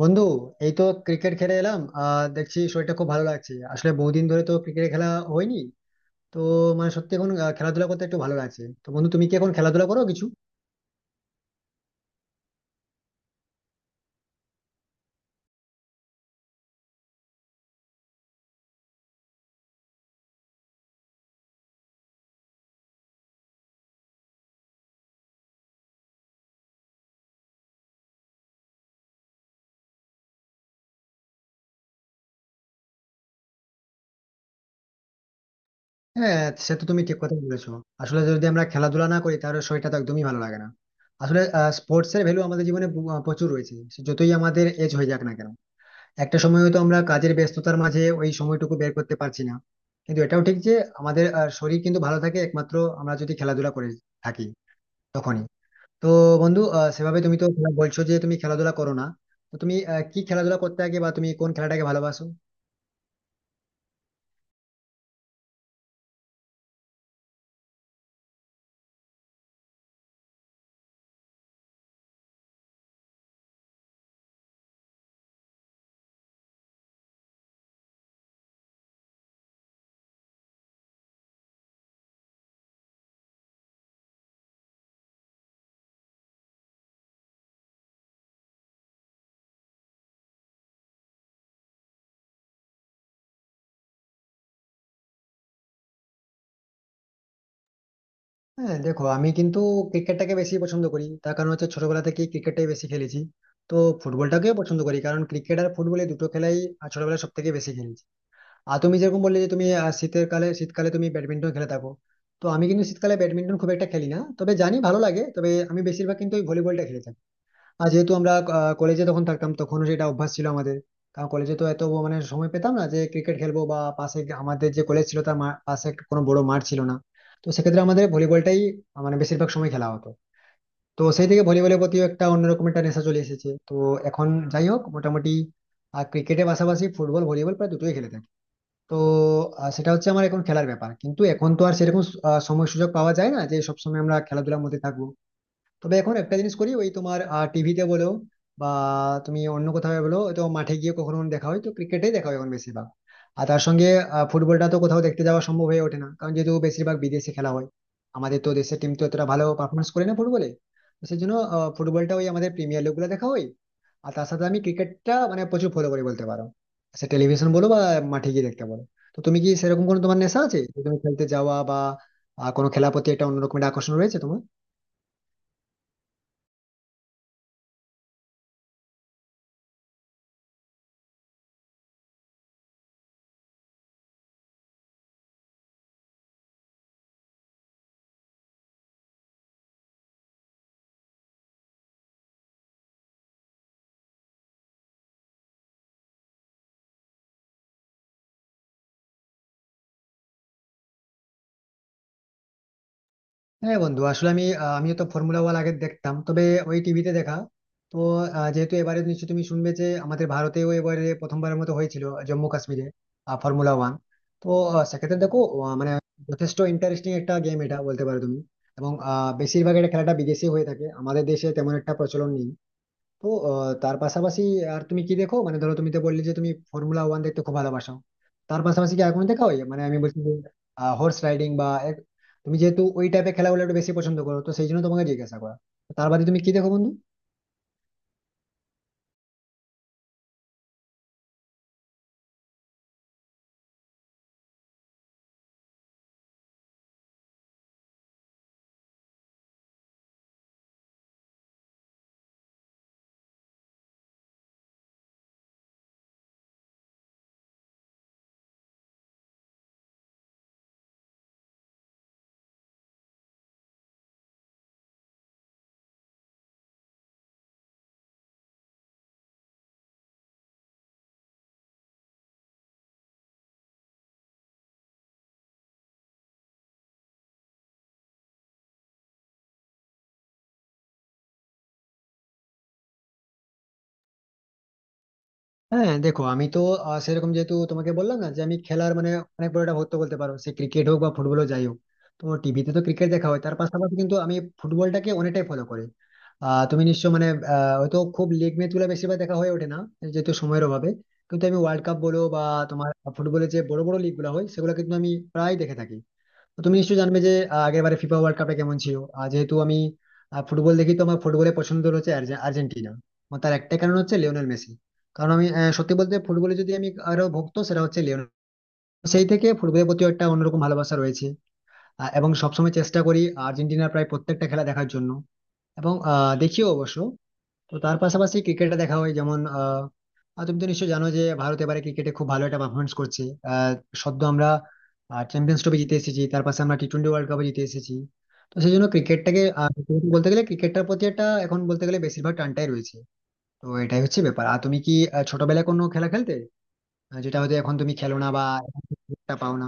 বন্ধু, এই তো ক্রিকেট খেলে এলাম। দেখছি শরীরটা খুব ভালো লাগছে। আসলে বহুদিন ধরে তো ক্রিকেট খেলা হয়নি। তো মানে সত্যি এখন খেলাধুলা করতে একটু ভালো লাগছে। তো বন্ধু, তুমি কি এখন খেলাধুলা করো কিছু? হ্যাঁ, সে তো তুমি ঠিক কথা বলেছো। আসলে যদি আমরা খেলাধুলা না করি তাহলে শরীরটা তো একদমই ভালো লাগে না। আসলে স্পোর্টস এর ভ্যালু আমাদের জীবনে প্রচুর রয়েছে, সে যতই আমাদের এজ হয়ে যাক না কেন। একটা সময় হয়তো আমরা কাজের ব্যস্ততার মাঝে ওই সময়টুকু বের করতে পারছি না, কিন্তু এটাও ঠিক যে আমাদের শরীর কিন্তু ভালো থাকে একমাত্র আমরা যদি খেলাধুলা করে থাকি তখনই। তো বন্ধু, সেভাবে তুমি তো বলছো যে তুমি খেলাধুলা করো না। তো তুমি কি খেলাধুলা করতে আগে, বা তুমি কোন খেলাটাকে ভালোবাসো? হ্যাঁ দেখো, আমি কিন্তু ক্রিকেটটাকে বেশি পছন্দ করি, তার কারণ হচ্ছে ছোটবেলা থেকে ক্রিকেটটাই বেশি খেলেছি। তো ফুটবলটাকেও পছন্দ করি, কারণ ক্রিকেট আর ফুটবল এই দুটো খেলাই ছোটবেলায় সব থেকে বেশি খেলেছি। আর তুমি যেরকম বললে যে তুমি শীতের কালে শীতকালে তুমি ব্যাডমিন্টন খেলে থাকো। তো আমি কিন্তু শীতকালে ব্যাডমিন্টন খুব একটা খেলি না, তবে জানি ভালো লাগে, তবে আমি বেশিরভাগ কিন্তু ওই ভলিবলটা খেলে থাকি। আর যেহেতু আমরা কলেজে তখন থাকতাম, তখনও সেটা অভ্যাস ছিল আমাদের। কারণ কলেজে তো এত ব- মানে সময় পেতাম না যে ক্রিকেট খেলবো, বা পাশে আমাদের যে কলেজ ছিল তার পাশে একটা কোনো বড় মাঠ ছিল না। তো সেক্ষেত্রে আমাদের ভলিবলটাই মানে বেশিরভাগ সময় খেলা হতো। তো সেই থেকে ভলিবলের প্রতিও একটা অন্যরকম একটা নেশা চলে এসেছে। তো এখন যাই হোক মোটামুটি, আর ক্রিকেটের পাশাপাশি ফুটবল ভলিবল প্রায় দুটোই খেলে থাকি। তো সেটা হচ্ছে আমার এখন খেলার ব্যাপার, কিন্তু এখন তো আর সেরকম সময় সুযোগ পাওয়া যায় না যে সবসময় আমরা খেলাধুলার মধ্যে থাকবো। তবে এখন একটা জিনিস করি, ওই তোমার টিভিতে বলো বা তুমি অন্য কোথাও বলো, তো মাঠে গিয়ে কখনো কখনো দেখা হয়, তো ক্রিকেটেই দেখা হয় এখন বেশিরভাগ। আর তার সঙ্গে ফুটবলটা তো কোথাও দেখতে যাওয়া সম্ভব হয়ে ওঠে না, কারণ যেহেতু বেশিরভাগ বিদেশে খেলা হয়। আমাদের তো দেশের টিম তো এতটা ভালো পারফরমেন্স করে না ফুটবলে। তো সেই জন্য ফুটবলটা ওই আমাদের প্রিমিয়ার লিগ গুলো দেখা হয়। আর তার সাথে আমি ক্রিকেটটা মানে প্রচুর ফলো করি বলতে পারো, সে টেলিভিশন বলো বা মাঠে গিয়ে দেখতে বলো। তো তুমি কি সেরকম কোনো তোমার নেশা আছে যে তুমি খেলতে যাওয়া বা কোনো খেলার প্রতি একটা অন্যরকম একটা আকর্ষণ রয়েছে তোমার? হ্যাঁ বন্ধু, আসলে আমি আমিও তো ফর্মুলা ওয়ান আগে দেখতাম, তবে ওই টিভিতে দেখা। তো যেহেতু এবারে নিশ্চয়ই তুমি শুনবে যে আমাদের ভারতেও এবারে প্রথমবারের মতো হয়েছিল, জম্মু কাশ্মীরে ফর্মুলা ওয়ান। তো সেক্ষেত্রে দেখো, মানে যথেষ্ট ইন্টারেস্টিং একটা গেম এটা, বলতে পারো তুমি। এবং বেশিরভাগ এটা খেলাটা বিদেশে হয়ে থাকে, আমাদের দেশে তেমন একটা প্রচলন নেই। তো তার পাশাপাশি আর তুমি কি দেখো, মানে ধরো তুমি তো বললে যে তুমি ফর্মুলা ওয়ান দেখতে খুব ভালোবাসো, তার পাশাপাশি কি আর কোনো দেখা হয়? মানে আমি বলছি হর্স রাইডিং বা তুমি যেহেতু ওই টাইপের খেলাগুলো একটু বেশি পছন্দ করো, তো সেই জন্য তোমাকে জিজ্ঞাসা করা। তার বাদে তুমি কি দেখো বন্ধু? হ্যাঁ দেখো, আমি তো সেরকম যেহেতু তোমাকে বললাম না যে আমি খেলার মানে অনেক বড় একটা ভক্ত বলতে পারো, সে ক্রিকেট হোক বা ফুটবল যাই হোক। তো টিভিতে তো ক্রিকেট দেখা হয়, তার পাশাপাশি কিন্তু আমি ফুটবলটাকে অনেকটাই ফলো করি। তুমি নিশ্চয় মানে হয়তো খুব লিগ ম্যাচ গুলো বেশিরভাগ দেখা হয়ে ওঠে না যেহেতু সময়ের অভাবে, কিন্তু আমি ওয়ার্ল্ড কাপ বলো বা তোমার ফুটবলের যে বড় বড় লিগ গুলো হয় সেগুলো কিন্তু আমি প্রায় দেখে থাকি। তো তুমি নিশ্চয়ই জানবে যে আগের বারে ফিফা ওয়ার্ল্ড কাপে কেমন ছিল। আর যেহেতু আমি ফুটবল দেখি, তো আমার ফুটবলের পছন্দ হচ্ছে আর্জেন্টিনা। আমার তার একটাই কারণ হচ্ছে লিওনেল মেসি। কারণ আমি সত্যি বলতে ফুটবলে যদি আমি আরো ভক্ত, সেটা হচ্ছে লিওনেল। সেই থেকে ফুটবলের প্রতি একটা অন্যরকম ভালোবাসা রয়েছে। এবং সবসময় চেষ্টা করি আর্জেন্টিনার প্রায় প্রত্যেকটা খেলা দেখার জন্য, এবং দেখিও অবশ্য। তো তার পাশাপাশি ক্রিকেটে দেখা হয় যেমন আহ আহ, তুমি তো নিশ্চয়ই জানো যে ভারত এবারে ক্রিকেটে খুব ভালো একটা পারফরমেন্স করছে। আহ সদ্য আমরা চ্যাম্পিয়ন্স ট্রফি জিতে এসেছি, তার পাশে আমরা টি টোয়েন্টি ওয়ার্ল্ড কাপে জিতে এসেছি। তো সেই জন্য ক্রিকেটটাকে সত্যি বলতে গেলে ক্রিকেটটার প্রতি একটা এখন বলতে গেলে বেশিরভাগ টানটাই রয়েছে। তো এটাই হচ্ছে ব্যাপার। আর তুমি কি ছোটবেলায় কোনো খেলা খেলতে যেটা হয়তো এখন তুমি খেলো না, বা এখন তুমি সুযোগটা পাও না?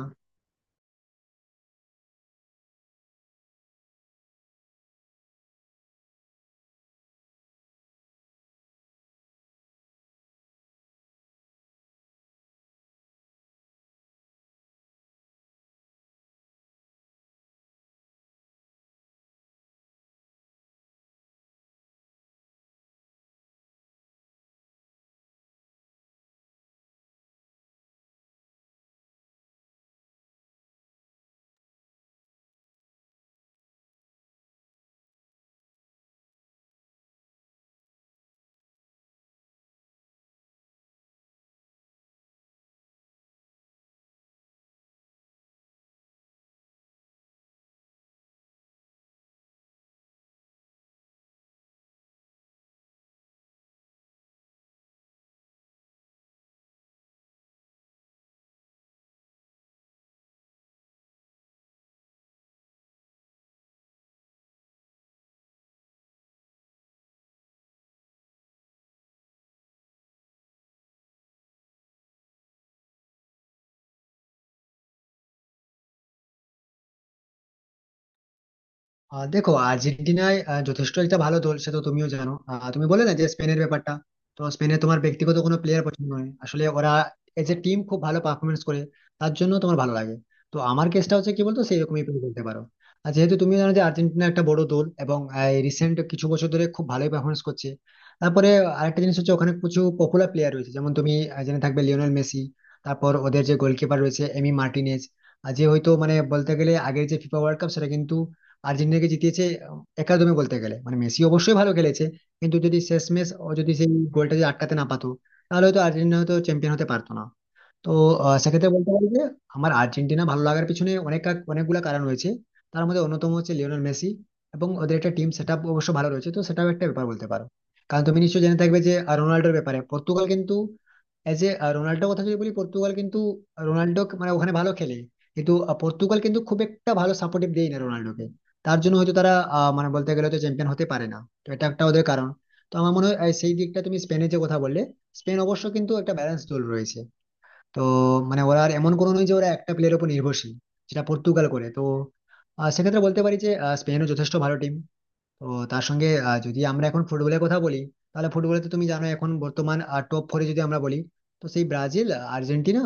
দেখো, আর্জেন্টিনায় যথেষ্ট একটা ভালো দল, সে তো তুমিও জানো। তুমি বলে না যে স্পেনের ব্যাপারটা, তো স্পেনে তোমার ব্যক্তিগত কোনো প্লেয়ার পছন্দ নয়, আসলে ওরা এজ এ টিম খুব ভালো পারফরমেন্স করে, তার জন্য তোমার ভালো লাগে। তো আমার কেসটা হচ্ছে কি বলতো, সেরকমই তুমি বলতে পারো। আর যেহেতু তুমি জানো যে আর্জেন্টিনা একটা বড় দল, এবং রিসেন্ট কিছু বছর ধরে খুব ভালোই পারফরমেন্স করছে। তারপরে আরেকটা জিনিস হচ্ছে ওখানে কিছু পপুলার প্লেয়ার রয়েছে, যেমন তুমি জেনে থাকবে লিওনেল মেসি, তারপর ওদের যে গোলকিপার রয়েছে এমি মার্টিনেজ। আর যে হয়তো মানে বলতে গেলে আগের যে ফিফা ওয়ার্ল্ড কাপ, সেটা কিন্তু আর্জেন্টিনাকে জিতিয়েছে। একাদমে বলতে গেলে মানে মেসি অবশ্যই ভালো খেলেছে, কিন্তু যদি শেষমেশ ও যদি সেই গোলটা যদি আটকাতে না পারতো তাহলে হয়তো আর্জেন্টিনা হয়তো চ্যাম্পিয়ন হতে পারতো না। তো সেক্ষেত্রে বলতে পারি যে আমার আর্জেন্টিনা ভালো লাগার পিছনে অনেক অনেকগুলো কারণ রয়েছে। তার মধ্যে অন্যতম হচ্ছে লিওনেল মেসি, এবং ওদের একটা টিম সেট আপ অবশ্য ভালো রয়েছে, তো সেটাও একটা ব্যাপার বলতে পারো। কারণ তুমি নিশ্চয়ই জেনে থাকবে যে রোনাল্ডোর ব্যাপারে পর্তুগাল কিন্তু এজ এ রোনাল্ডোর কথা যদি বলি, পর্তুগাল কিন্তু রোনাল্ডো মানে ওখানে ভালো খেলে, কিন্তু পর্তুগাল কিন্তু খুব একটা ভালো সাপোর্টিভ দেয় না রোনাল্ডোকে। তার জন্য হয়তো তারা মানে বলতে গেলে তো চ্যাম্পিয়ন হতে পারে না। তো এটা একটা ওদের কারণ। তো আমার মনে হয় সেই দিকটা তুমি স্পেনের যে কথা বললে, স্পেন অবশ্য কিন্তু একটা ব্যালেন্স দল রয়েছে। তো মানে ওরা আর এমন কোনো নয় যে ওরা একটা প্লেয়ারের উপর নির্ভরশীল, যেটা পর্তুগাল করে। তো সেক্ষেত্রে বলতে পারি যে স্পেনও যথেষ্ট ভালো টিম। তো তার সঙ্গে যদি আমরা এখন ফুটবলের কথা বলি, তাহলে ফুটবলে তো তুমি জানো এখন বর্তমান টপ ফোরে যদি আমরা বলি, তো সেই ব্রাজিল, আর্জেন্টিনা,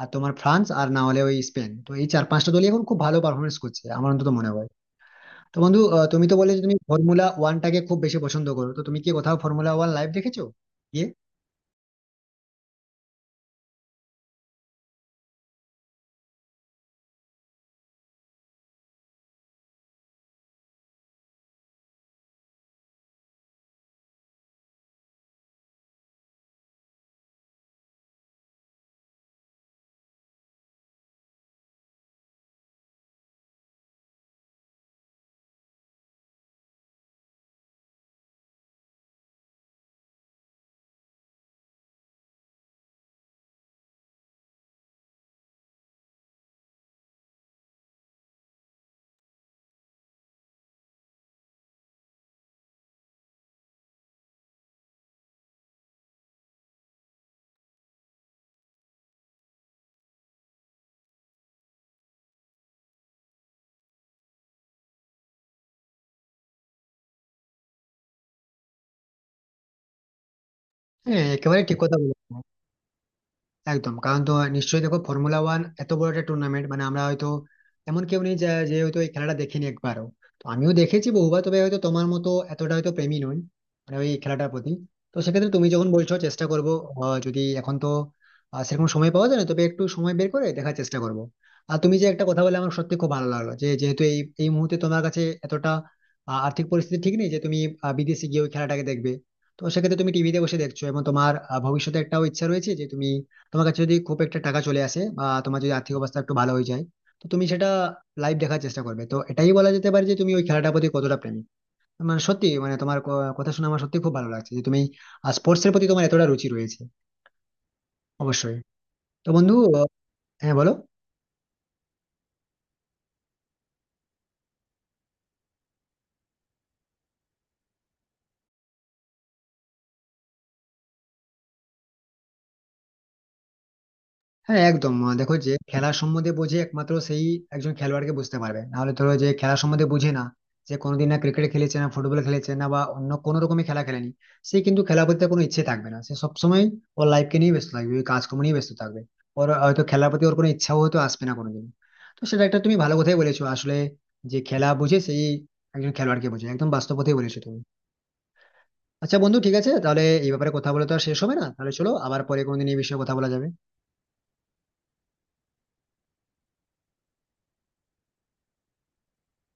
আর তোমার ফ্রান্স, আর না হলে ওই স্পেন। তো এই চার পাঁচটা দলই এখন খুব ভালো পারফরমেন্স করছে আমার অন্তত মনে হয়। তো বন্ধু, তুমি তো বললে যে তুমি ফর্মুলা ওয়ানটাকে খুব বেশি পছন্দ করো, তো তুমি কি কোথাও ফর্মুলা ওয়ান লাইভ দেখেছো গিয়ে? হ্যাঁ, একেবারে ঠিক কথা বলো একদম। কারণ তো নিশ্চয়ই দেখো ফর্মুলা ওয়ান এত বড় একটা টুর্নামেন্ট, মানে আমরা হয়তো এমন কেউ নেই যে হয়তো এই খেলাটা দেখেনি একবারও। তো আমিও দেখেছি বহুবার, তবে হয়তো তোমার মতো এতটা হয়তো প্রেমী নই মানে ওই খেলাটার প্রতি। তো সেক্ষেত্রে তুমি যখন বলছো চেষ্টা করবো, যদি এখন তো সেরকম সময় পাওয়া যায় না, তবে একটু সময় বের করে দেখার চেষ্টা করবো। আর তুমি যে একটা কথা বলে আমার সত্যি খুব ভালো লাগলো যে যেহেতু এই এই মুহূর্তে তোমার কাছে এতটা আর্থিক পরিস্থিতি ঠিক নেই যে তুমি বিদেশে গিয়ে ওই খেলাটাকে দেখবে। তো সেক্ষেত্রে তুমি টিভিতে বসে দেখছো এবং তোমার ভবিষ্যতে একটাও ইচ্ছা রয়েছে যে তুমি, তোমার কাছে যদি খুব একটা টাকা চলে আসে বা তোমার যদি আর্থিক অবস্থা একটু ভালো হয়ে যায়, তো তুমি সেটা লাইভ দেখার চেষ্টা করবে। তো এটাই বলা যেতে পারে যে তুমি ওই খেলাটার প্রতি কতটা প্রেমী। মানে সত্যি মানে তোমার কথা শুনে আমার সত্যি খুব ভালো লাগছে যে তুমি স্পোর্টস এর প্রতি তোমার এতটা রুচি রয়েছে অবশ্যই। তো বন্ধু, হ্যাঁ বলো। হ্যাঁ একদম, দেখো যে খেলা সম্বন্ধে বোঝে একমাত্র সেই একজন খেলোয়াড়কে বুঝতে পারবে। নাহলে ধরো যে খেলা সম্বন্ধে বুঝে না, যে কোনোদিন না ক্রিকেট খেলেছে না ফুটবল খেলেছে না বা অন্য কোনো রকমের খেলা খেলেনি, সে কিন্তু খেলা প্রতি তার কোনো ইচ্ছে থাকবে না। সে সবসময় ওর লাইফকে নিয়ে ব্যস্ত থাকবে, ওই কাজকর্ম নিয়ে ব্যস্ত থাকবে। ওর হয়তো খেলার প্রতি ওর কোনো ইচ্ছাও হয়তো আসবে না কোনোদিন। তো সেটা একটা তুমি ভালো কথাই বলেছো আসলে, যে খেলা বুঝে সেই একজন খেলোয়াড়কে বোঝে। একদম বাস্তব কথাই বলেছো তুমি। আচ্ছা বন্ধু, ঠিক আছে, তাহলে এই ব্যাপারে কথা বলে তো আর শেষ হবে না, তাহলে চলো আবার পরে কোনোদিন এই বিষয়ে কথা বলা যাবে।